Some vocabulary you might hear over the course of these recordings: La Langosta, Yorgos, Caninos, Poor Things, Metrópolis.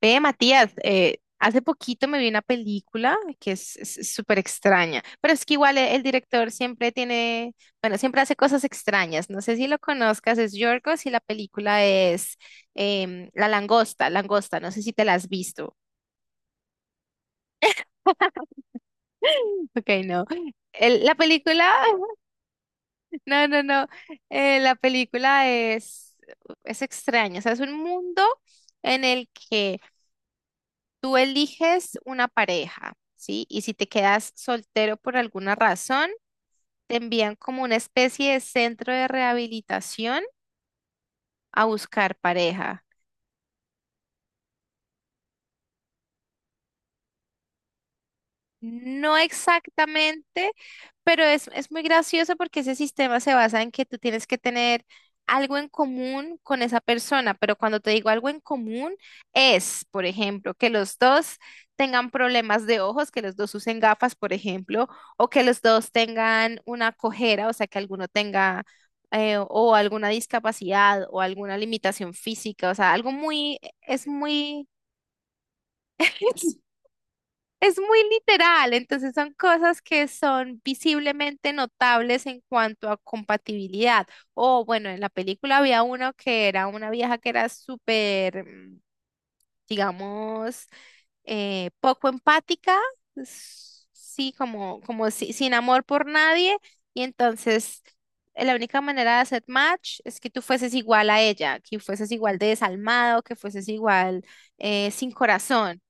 Ve, Matías, hace poquito me vi una película que es súper extraña, pero es que igual el, director siempre tiene, bueno, siempre hace cosas extrañas. No sé si lo conozcas, es Yorgos y la película es La Langosta, Langosta, no sé si te la has visto. Ok, no. La película, no, no, no, la película es extraña, o sea, es un mundo en el que... Tú eliges una pareja, ¿sí? Y si te quedas soltero por alguna razón, te envían como una especie de centro de rehabilitación a buscar pareja. No exactamente, pero es muy gracioso porque ese sistema se basa en que tú tienes que tener algo en común con esa persona, pero cuando te digo algo en común es, por ejemplo, que los dos tengan problemas de ojos, que los dos usen gafas, por ejemplo, o que los dos tengan una cojera, o sea, que alguno tenga o alguna discapacidad o alguna limitación física, o sea, algo muy, es muy... Es muy literal, entonces son cosas que son visiblemente notables en cuanto a compatibilidad. O bueno, en la película había uno que era una vieja que era súper, digamos, poco empática, sí, como, como sin amor por nadie, y entonces la única manera de hacer match es que tú fueses igual a ella, que fueses igual de desalmado, que fueses igual sin corazón.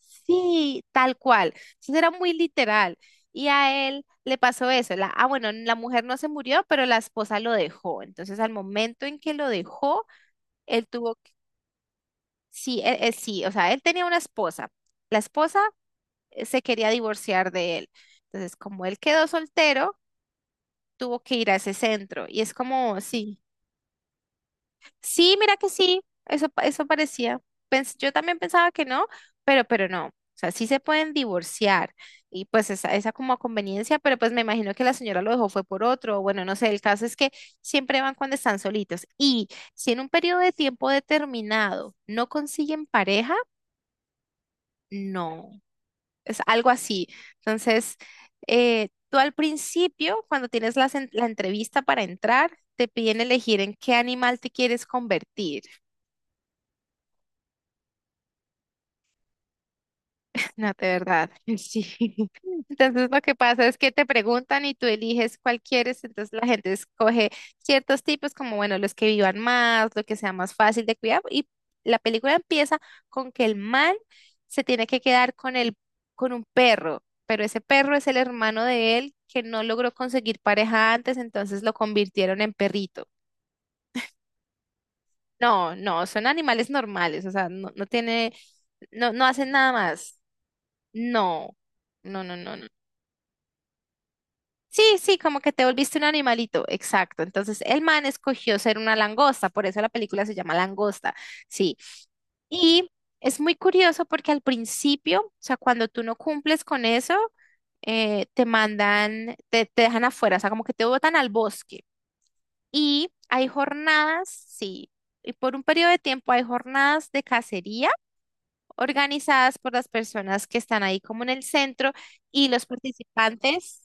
Sí, tal cual. Entonces era muy literal. Y a él le pasó eso. La, ah, bueno, la mujer no se murió, pero la esposa lo dejó. Entonces, al momento en que lo dejó, él tuvo, sí, sí, o sea, él tenía una esposa. La esposa se quería divorciar de él. Entonces, como él quedó soltero, tuvo que ir a ese centro. Y es como, sí. Sí, mira que sí, eso, eso parecía. Yo también pensaba que no, pero no. O sea, sí se pueden divorciar y pues esa como a conveniencia, pero pues me imagino que la señora lo dejó fue por otro. Bueno, no sé, el caso es que siempre van cuando están solitos. Y si en un periodo de tiempo determinado no consiguen pareja, no, es algo así. Entonces, tú al principio, cuando tienes la entrevista para entrar, te piden elegir en qué animal te quieres convertir. No, de verdad, sí. Entonces lo que pasa es que te preguntan y tú eliges cuál quieres, entonces la gente escoge ciertos tipos como, bueno, los que vivan más, lo que sea más fácil de cuidar y la película empieza con que el man se tiene que quedar con el, con un perro, pero ese perro es el hermano de él que no logró conseguir pareja antes, entonces lo convirtieron en perrito. No, no, son animales normales, o sea, no, no tiene, no, no hacen nada más. No. No, no, no, no. Sí, sí, como que te volviste un animalito, exacto. Entonces el man escogió ser una langosta, por eso la película se llama Langosta, sí. Y es muy curioso porque al principio, o sea, cuando tú no cumples con eso, te mandan, te dejan afuera, o sea, como que te botan al bosque. Y hay jornadas, sí, y por un periodo de tiempo hay jornadas de cacería organizadas por las personas que están ahí como en el centro y los participantes.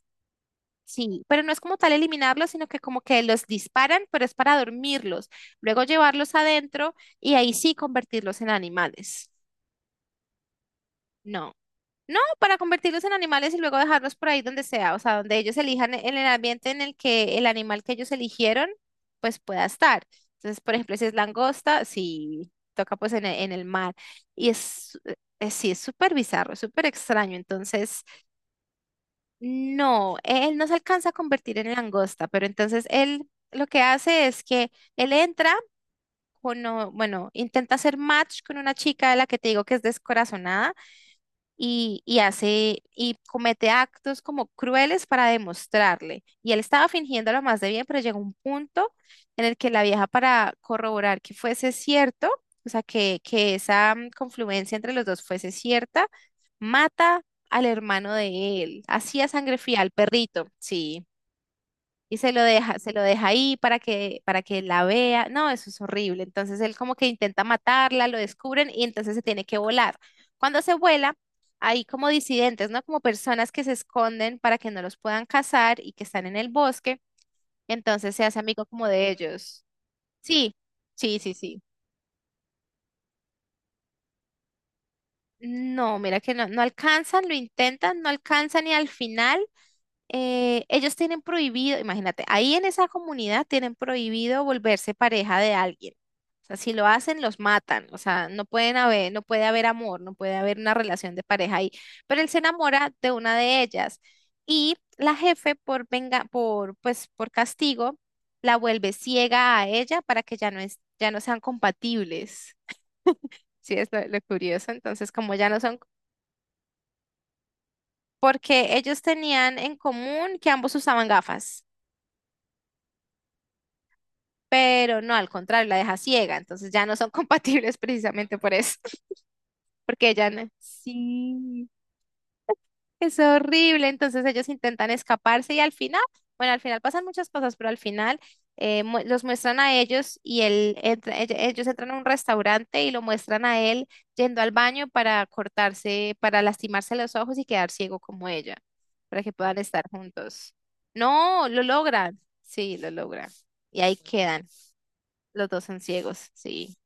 Sí, pero no es como tal eliminarlos, sino que como que los disparan, pero es para dormirlos, luego llevarlos adentro y ahí sí convertirlos en animales. No, no, para convertirlos en animales y luego dejarlos por ahí donde sea, o sea, donde ellos elijan en el ambiente en el que el animal que ellos eligieron, pues pueda estar. Entonces, por ejemplo, si es langosta, sí, toca pues en el mar. Y es, sí, es súper bizarro, súper extraño. Entonces... No, él no se alcanza a convertir en langosta, pero entonces él lo que hace es que él entra, con, bueno, intenta hacer match con una chica de la que te digo que es descorazonada y hace y comete actos como crueles para demostrarle. Y él estaba fingiéndolo más de bien, pero llegó un punto en el que la vieja para corroborar que fuese cierto, o sea, que esa confluencia entre los dos fuese cierta, mata al hermano de él, así a sangre fría, al perrito, sí y se lo deja ahí para que la vea. No, eso es horrible. Entonces él como que intenta matarla, lo descubren y entonces se tiene que volar. Cuando se vuela, hay como disidentes, ¿no? Como personas que se esconden para que no los puedan cazar y que están en el bosque. Entonces se hace amigo como de ellos. Sí, sí, sí, sí. No, mira que no, no alcanzan, lo intentan, no alcanzan y al final ellos tienen prohibido, imagínate, ahí en esa comunidad tienen prohibido volverse pareja de alguien. O sea, si lo hacen, los matan. O sea, no pueden haber, no puede haber amor, no puede haber una relación de pareja ahí. Pero él se enamora de una de ellas y la jefe por venga, por pues por castigo, la vuelve ciega a ella para que ya no es, ya no sean compatibles. Sí, es lo curioso. Entonces, como ya no son, porque ellos tenían en común que ambos usaban gafas. Pero no, al contrario, la deja ciega, entonces ya no son compatibles precisamente por eso, porque ella no. Sí, es horrible, entonces ellos intentan escaparse y al final, bueno, al final pasan muchas cosas, pero al final los muestran a ellos y él ellos entran a un restaurante y lo muestran a él yendo al baño para cortarse, para lastimarse los ojos y quedar ciego como ella, para que puedan estar juntos. No, lo logran, sí, lo logran. Y ahí quedan, los dos son ciegos, sí.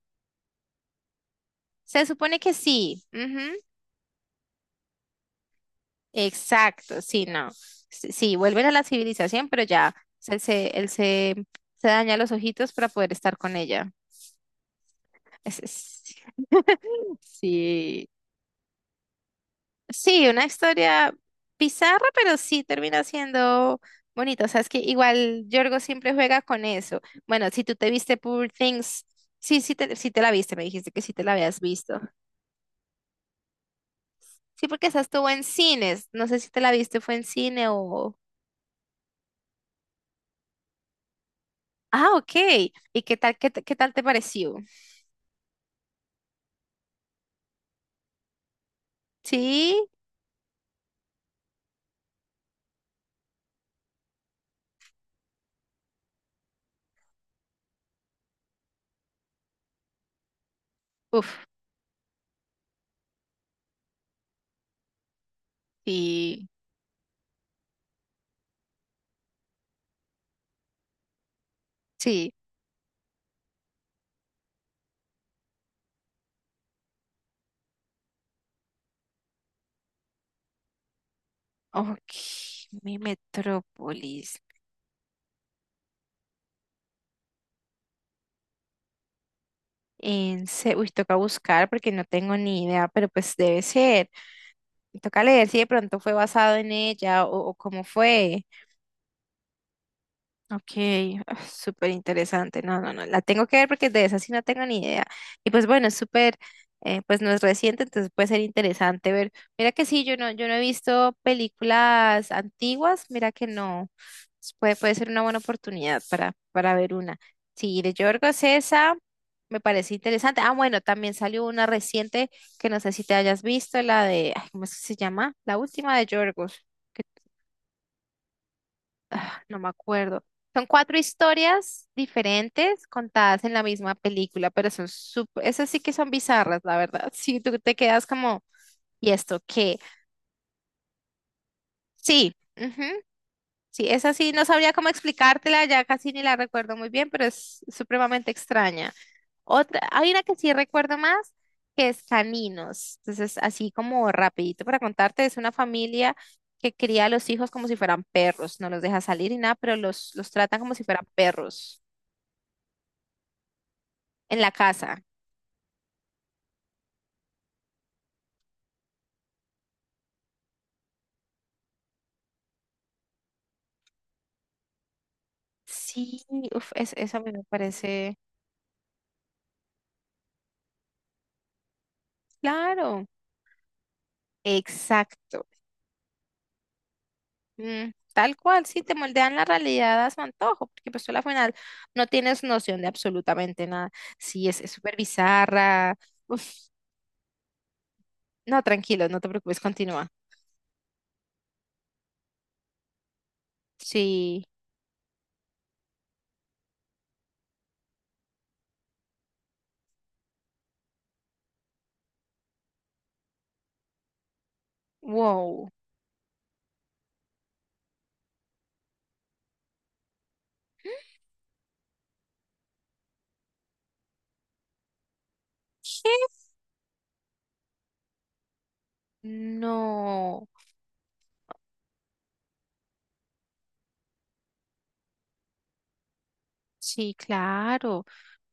Se supone que sí. Ujú, exacto, sí, no. Sí, sí, vuelven a la civilización, pero ya él se, se daña los ojitos para poder estar con ella. Es- es- sí. Sí, una historia bizarra, pero sí termina siendo bonita. O sea, es que igual Yorgo siempre juega con eso. Bueno, si tú te viste Poor Things, sí, sí te la viste, me dijiste que sí te la habías visto. Sí, porque esa estuvo en cines. No sé si te la viste, fue en cine o... Ah, ok. ¿Y qué tal, qué, qué tal te pareció? Sí, uf, sí, sí. Ok, mi metrópolis. En se... Uy, toca buscar porque no tengo ni idea, pero pues debe ser. Toca leer si de pronto fue basado en ella o cómo fue. Ok, ah, súper interesante. No, no, no, la tengo que ver porque de esa sí no tengo ni idea. Y pues bueno, es súper, pues no es reciente, entonces puede ser interesante ver. Mira que sí, yo no, yo no he visto películas antiguas, mira que no. Puede, puede ser una buena oportunidad para ver una. Sí, de Yorgos esa me parece interesante. Ah, bueno, también salió una reciente que no sé si te hayas visto, la de, ay, ¿cómo es que se llama? La última de Yorgos no me acuerdo. Son cuatro historias diferentes contadas en la misma película, pero son súper, esas sí que son bizarras, la verdad. Sí, tú te quedas como, ¿y esto qué? Sí, ujú, sí, esa sí, no sabría cómo explicártela, ya casi ni la recuerdo muy bien, pero es supremamente extraña. Otra, hay una que sí recuerdo más, que es Caninos. Entonces, así como rapidito para contarte, es una familia que cría a los hijos como si fueran perros, no los deja salir y nada, pero los tratan como si fueran perros. En la casa. Sí, uf, eso a mí me parece claro. Exacto. Mm, tal cual, sí, te moldean la realidad a su antojo, porque pues tú a la final no tienes noción de absolutamente nada. Sí, es súper bizarra. Uf, no, tranquilo, no te preocupes, continúa. Sí, wow. ¿Qué? No. Sí, claro.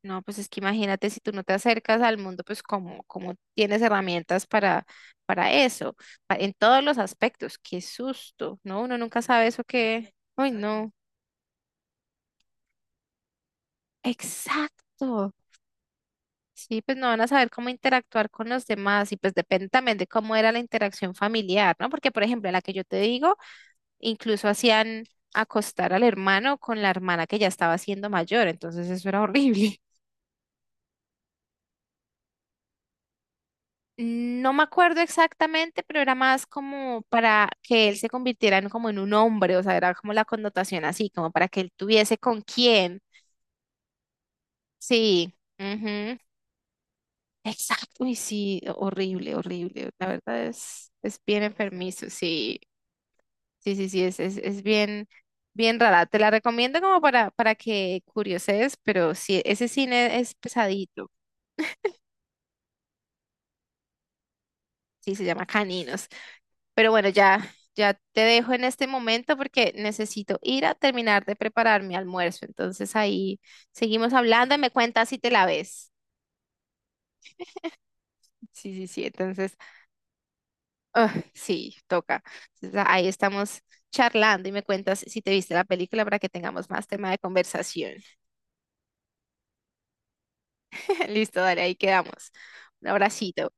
No, pues es que imagínate si tú no te acercas al mundo, pues como, como tienes herramientas para eso, en todos los aspectos. Qué susto, ¿no? Uno nunca sabe eso que... Uy, no. Exacto. Sí, pues no van a saber cómo interactuar con los demás y pues depende también de cómo era la interacción familiar, ¿no? Porque, por ejemplo, en la que yo te digo, incluso hacían acostar al hermano con la hermana que ya estaba siendo mayor, entonces eso era horrible. Mm, no me acuerdo exactamente, pero era más como para que él se convirtiera en como en un hombre, o sea, era como la connotación así, como para que él tuviese con quién. Sí, ujú, exacto, y sí, horrible, horrible. La verdad es bien enfermizo, sí, sí, sí, sí, es bien, bien rara. Te la recomiendo como para que curioses, pero sí, ese cine es pesadito, sí, se llama Caninos. Pero bueno, ya, ya te dejo en este momento porque necesito ir a terminar de preparar mi almuerzo. Entonces ahí seguimos hablando y me cuentas si te la ves. Sí, sí, sí. Entonces, ah, sí, toca. Entonces, ahí estamos charlando y me cuentas si te viste la película para que tengamos más tema de conversación. Listo, dale, ahí quedamos. Un abracito.